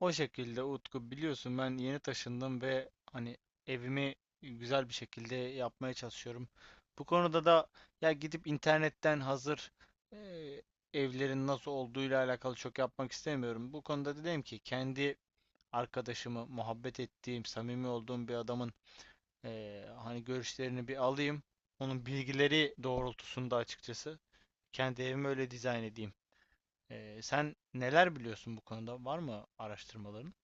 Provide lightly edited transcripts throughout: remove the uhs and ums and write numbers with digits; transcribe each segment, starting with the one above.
O şekilde Utku biliyorsun ben yeni taşındım ve hani evimi güzel bir şekilde yapmaya çalışıyorum. Bu konuda da ya gidip internetten hazır e, evlerin nasıl olduğuyla alakalı çok yapmak istemiyorum. Bu konuda dedim ki kendi arkadaşımı muhabbet ettiğim, samimi olduğum bir adamın hani görüşlerini bir alayım. Onun bilgileri doğrultusunda açıkçası kendi evimi öyle dizayn edeyim. Sen neler biliyorsun bu konuda? Var mı araştırmaların?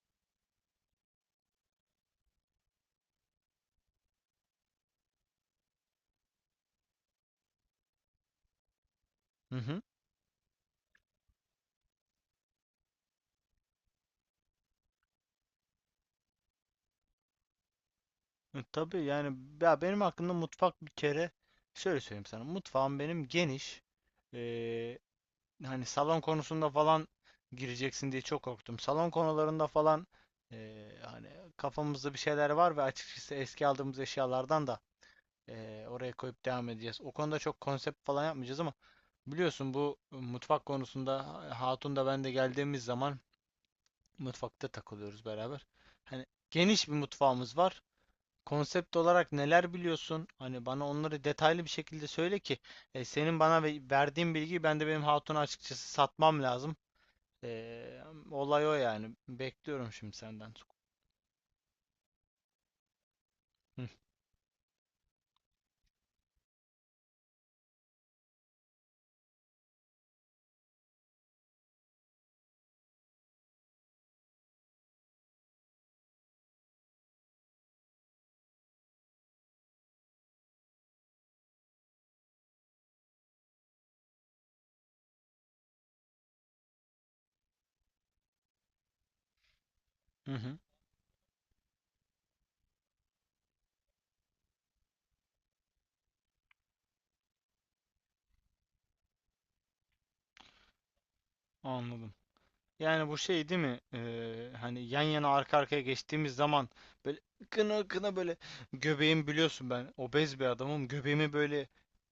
Hı, tabii yani ya benim hakkında mutfak bir kere şöyle söyleyeyim sana. Mutfağım benim geniş. Ee, hani salon konusunda falan gireceksin diye çok korktum. Salon konularında falan hani kafamızda bir şeyler var ve açıkçası eski aldığımız eşyalardan da oraya koyup devam edeceğiz. O konuda çok konsept falan yapmayacağız ama biliyorsun bu mutfak konusunda Hatun da ben de geldiğimiz zaman mutfakta takılıyoruz beraber. Hani geniş bir mutfağımız var, konsept olarak neler biliyorsun? Hani bana onları detaylı bir şekilde söyle ki senin bana verdiğin bilgiyi ben de benim hatuna açıkçası satmam lazım. E, olay o yani. Bekliyorum şimdi senden. Hı, hı hı, anladım. Yani bu şey değil mi? Hani yan yana arka arkaya geçtiğimiz zaman böyle kına kına böyle göbeğim, biliyorsun ben obez bir adamım. Göbeğimi böyle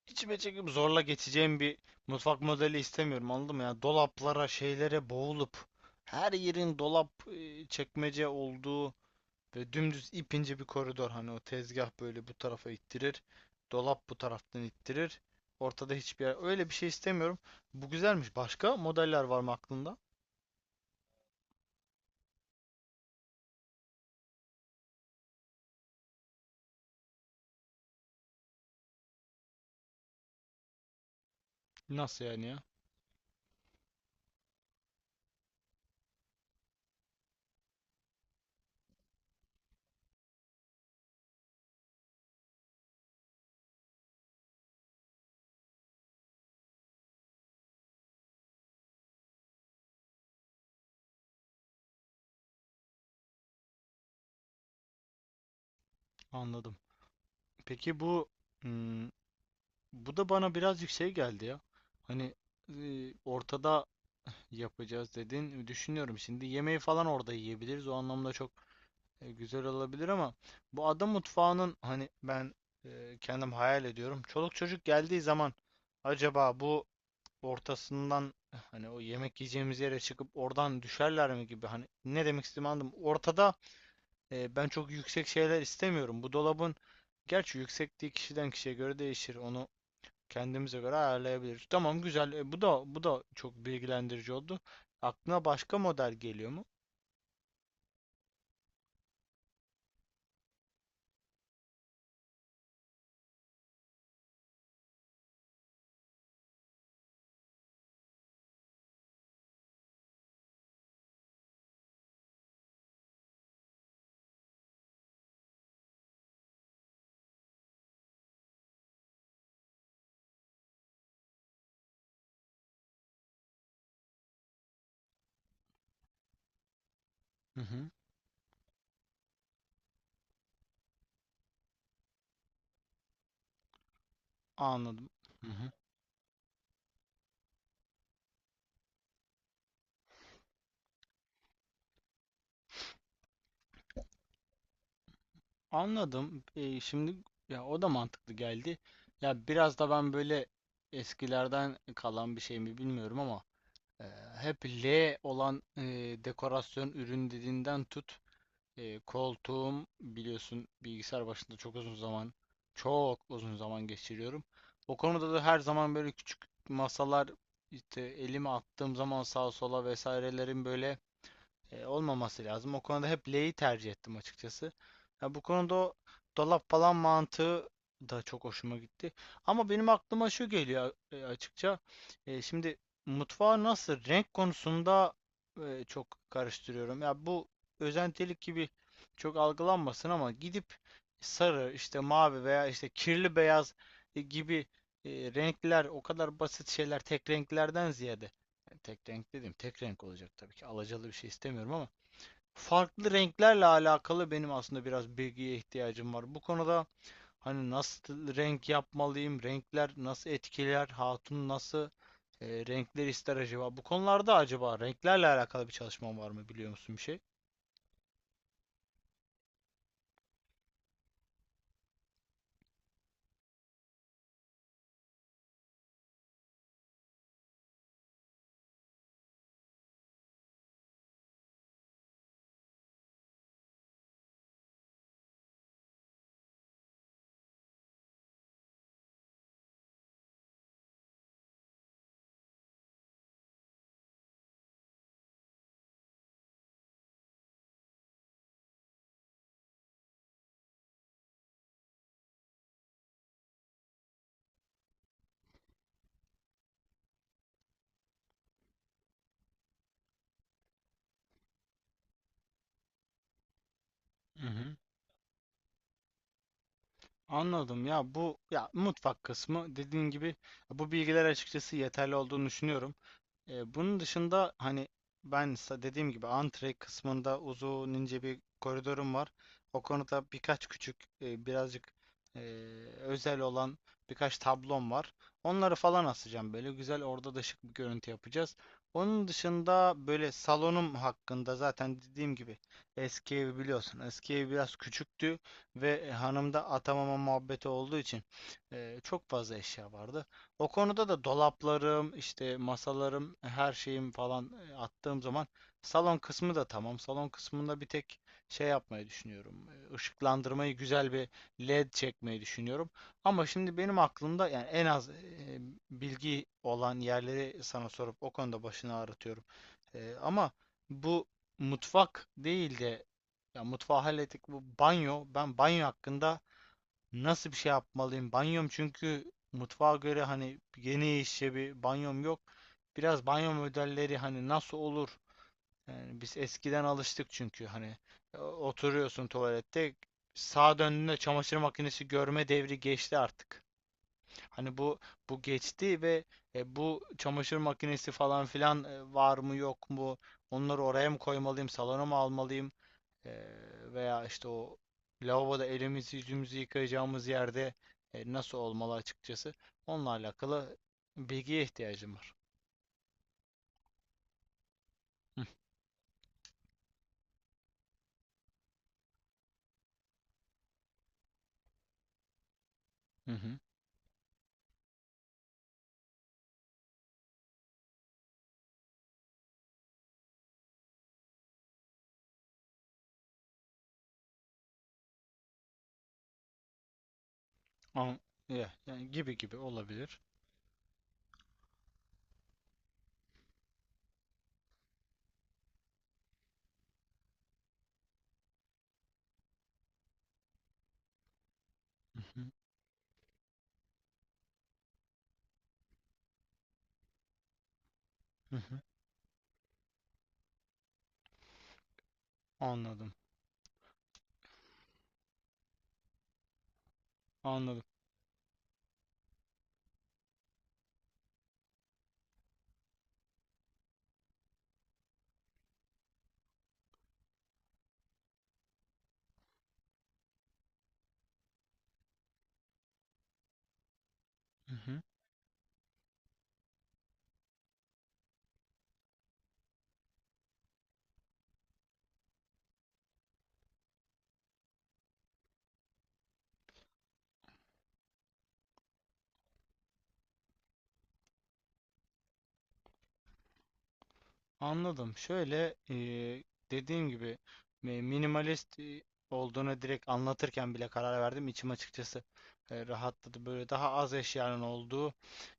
İçime çekip zorla geçeceğim bir mutfak modeli istemiyorum, anladın mı? Yani dolaplara, şeylere boğulup her yerin dolap çekmece olduğu ve dümdüz ipince bir koridor, hani o tezgah böyle bu tarafa ittirir. Dolap bu taraftan ittirir. Ortada hiçbir yer. Öyle bir şey istemiyorum. Bu güzelmiş. Başka modeller var mı aklında? Nasıl yani ya? Anladım. Peki bu hmm, bu da bana biraz yüksek geldi ya. Hani ortada yapacağız dedin. Düşünüyorum şimdi, yemeği falan orada yiyebiliriz. O anlamda çok güzel olabilir ama bu ada mutfağının, hani ben kendim hayal ediyorum. Çoluk çocuk geldiği zaman acaba bu ortasından, hani o yemek yiyeceğimiz yere çıkıp oradan düşerler mi gibi, hani ne demek istediğimi anladım. Ortada ben çok yüksek şeyler istemiyorum. Bu dolabın gerçi yüksekliği kişiden kişiye göre değişir. Onu kendimize göre ayarlayabiliriz. Tamam, güzel. Bu da bu da çok bilgilendirici oldu. Aklına başka model geliyor mu? Hı hı. Anladım. Hı hı. Anladım. Şimdi ya o da mantıklı geldi. Ya biraz da ben böyle eskilerden kalan bir şey mi bilmiyorum ama e, hep L olan dekorasyon ürün dediğinden tut. Koltuğum biliyorsun bilgisayar başında çok uzun zaman, çok uzun zaman geçiriyorum. O konuda da her zaman böyle küçük masalar, işte elimi attığım zaman sağa sola vesairelerin böyle olmaması lazım. O konuda hep L'yi tercih ettim açıkçası. Ya bu konuda o dolap falan mantığı da çok hoşuma gitti. Ama benim aklıma şu geliyor açıkça. Şimdi mutfağı nasıl, renk konusunda çok karıştırıyorum. Ya bu özentilik gibi çok algılanmasın ama gidip sarı, işte mavi veya işte kirli beyaz gibi renkler, o kadar basit şeyler, tek renklerden ziyade, yani tek renk dedim. Tek renk olacak tabii ki. Alacalı bir şey istemiyorum ama farklı renklerle alakalı benim aslında biraz bilgiye ihtiyacım var. Bu konuda hani nasıl renk yapmalıyım, renkler nasıl etkiler, hatun nasıl renkler ister acaba? Bu konularda acaba renklerle alakalı bir çalışmam var mı, biliyor musun bir şey? Hı hı. Anladım, ya bu ya mutfak kısmı dediğin gibi bu bilgiler açıkçası yeterli olduğunu düşünüyorum. Bunun dışında hani ben dediğim gibi antre kısmında uzun ince bir koridorum var. O konuda birkaç küçük birazcık e, özel olan birkaç tablom var. Onları falan asacağım, böyle güzel, orada da şık bir görüntü yapacağız. Onun dışında böyle salonum hakkında zaten dediğim gibi eski evi biliyorsun. Eski ev biraz küçüktü ve hanımda atamama muhabbeti olduğu için çok fazla eşya vardı. O konuda da dolaplarım, işte masalarım, her şeyim falan attığım zaman salon kısmı da tamam. Salon kısmında bir tek şey yapmayı düşünüyorum. Işıklandırmayı güzel bir LED çekmeyi düşünüyorum. Ama şimdi benim aklımda yani en az bilgi olan yerleri sana sorup o konuda başını ağrıtıyorum. Ama bu mutfak değil de, ya mutfağı hallettik, bu banyo. Ben banyo hakkında nasıl bir şey yapmalıyım? Banyom, çünkü mutfağa göre hani genişçe bir banyom yok. Biraz banyo modelleri hani nasıl olur? Yani biz eskiden alıştık çünkü hani oturuyorsun tuvalette sağa döndüğünde çamaşır makinesi görme devri geçti artık. Hani bu geçti ve bu çamaşır makinesi falan filan var mı yok mu? Onları oraya mı koymalıyım? Salona mı almalıyım? Veya işte o lavaboda elimizi yüzümüzü yıkayacağımız yerde nasıl olmalı açıkçası. Onunla alakalı bilgiye ihtiyacım var. Hı hı. Hı. An- yani gibi gibi olabilir. Hı hı. Hı hı. Anladım. Anladım. Hı hı. Anladım. Şöyle dediğim gibi minimalist olduğunu direkt anlatırken bile karar verdim. İçim açıkçası rahatladı. Böyle daha az eşyanın olduğu.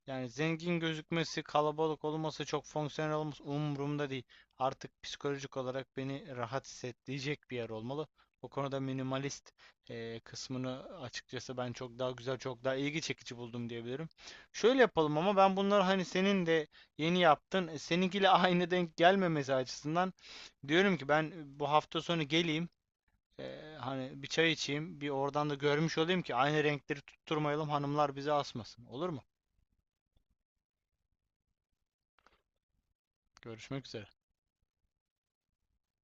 Yani zengin gözükmesi, kalabalık olması, çok fonksiyonel olması umurumda değil. Artık psikolojik olarak beni rahat hissettirecek bir yer olmalı. O konuda minimalist kısmını açıkçası ben çok daha güzel, çok daha ilgi çekici buldum diyebilirim. Şöyle yapalım, ama ben bunları hani senin de yeni yaptın, seninkiyle aynı denk gelmemesi açısından diyorum ki ben bu hafta sonu geleyim. Hani bir çay içeyim, bir oradan da görmüş olayım ki aynı renkleri tutturmayalım, hanımlar bizi asmasın. Olur mu? Görüşmek üzere.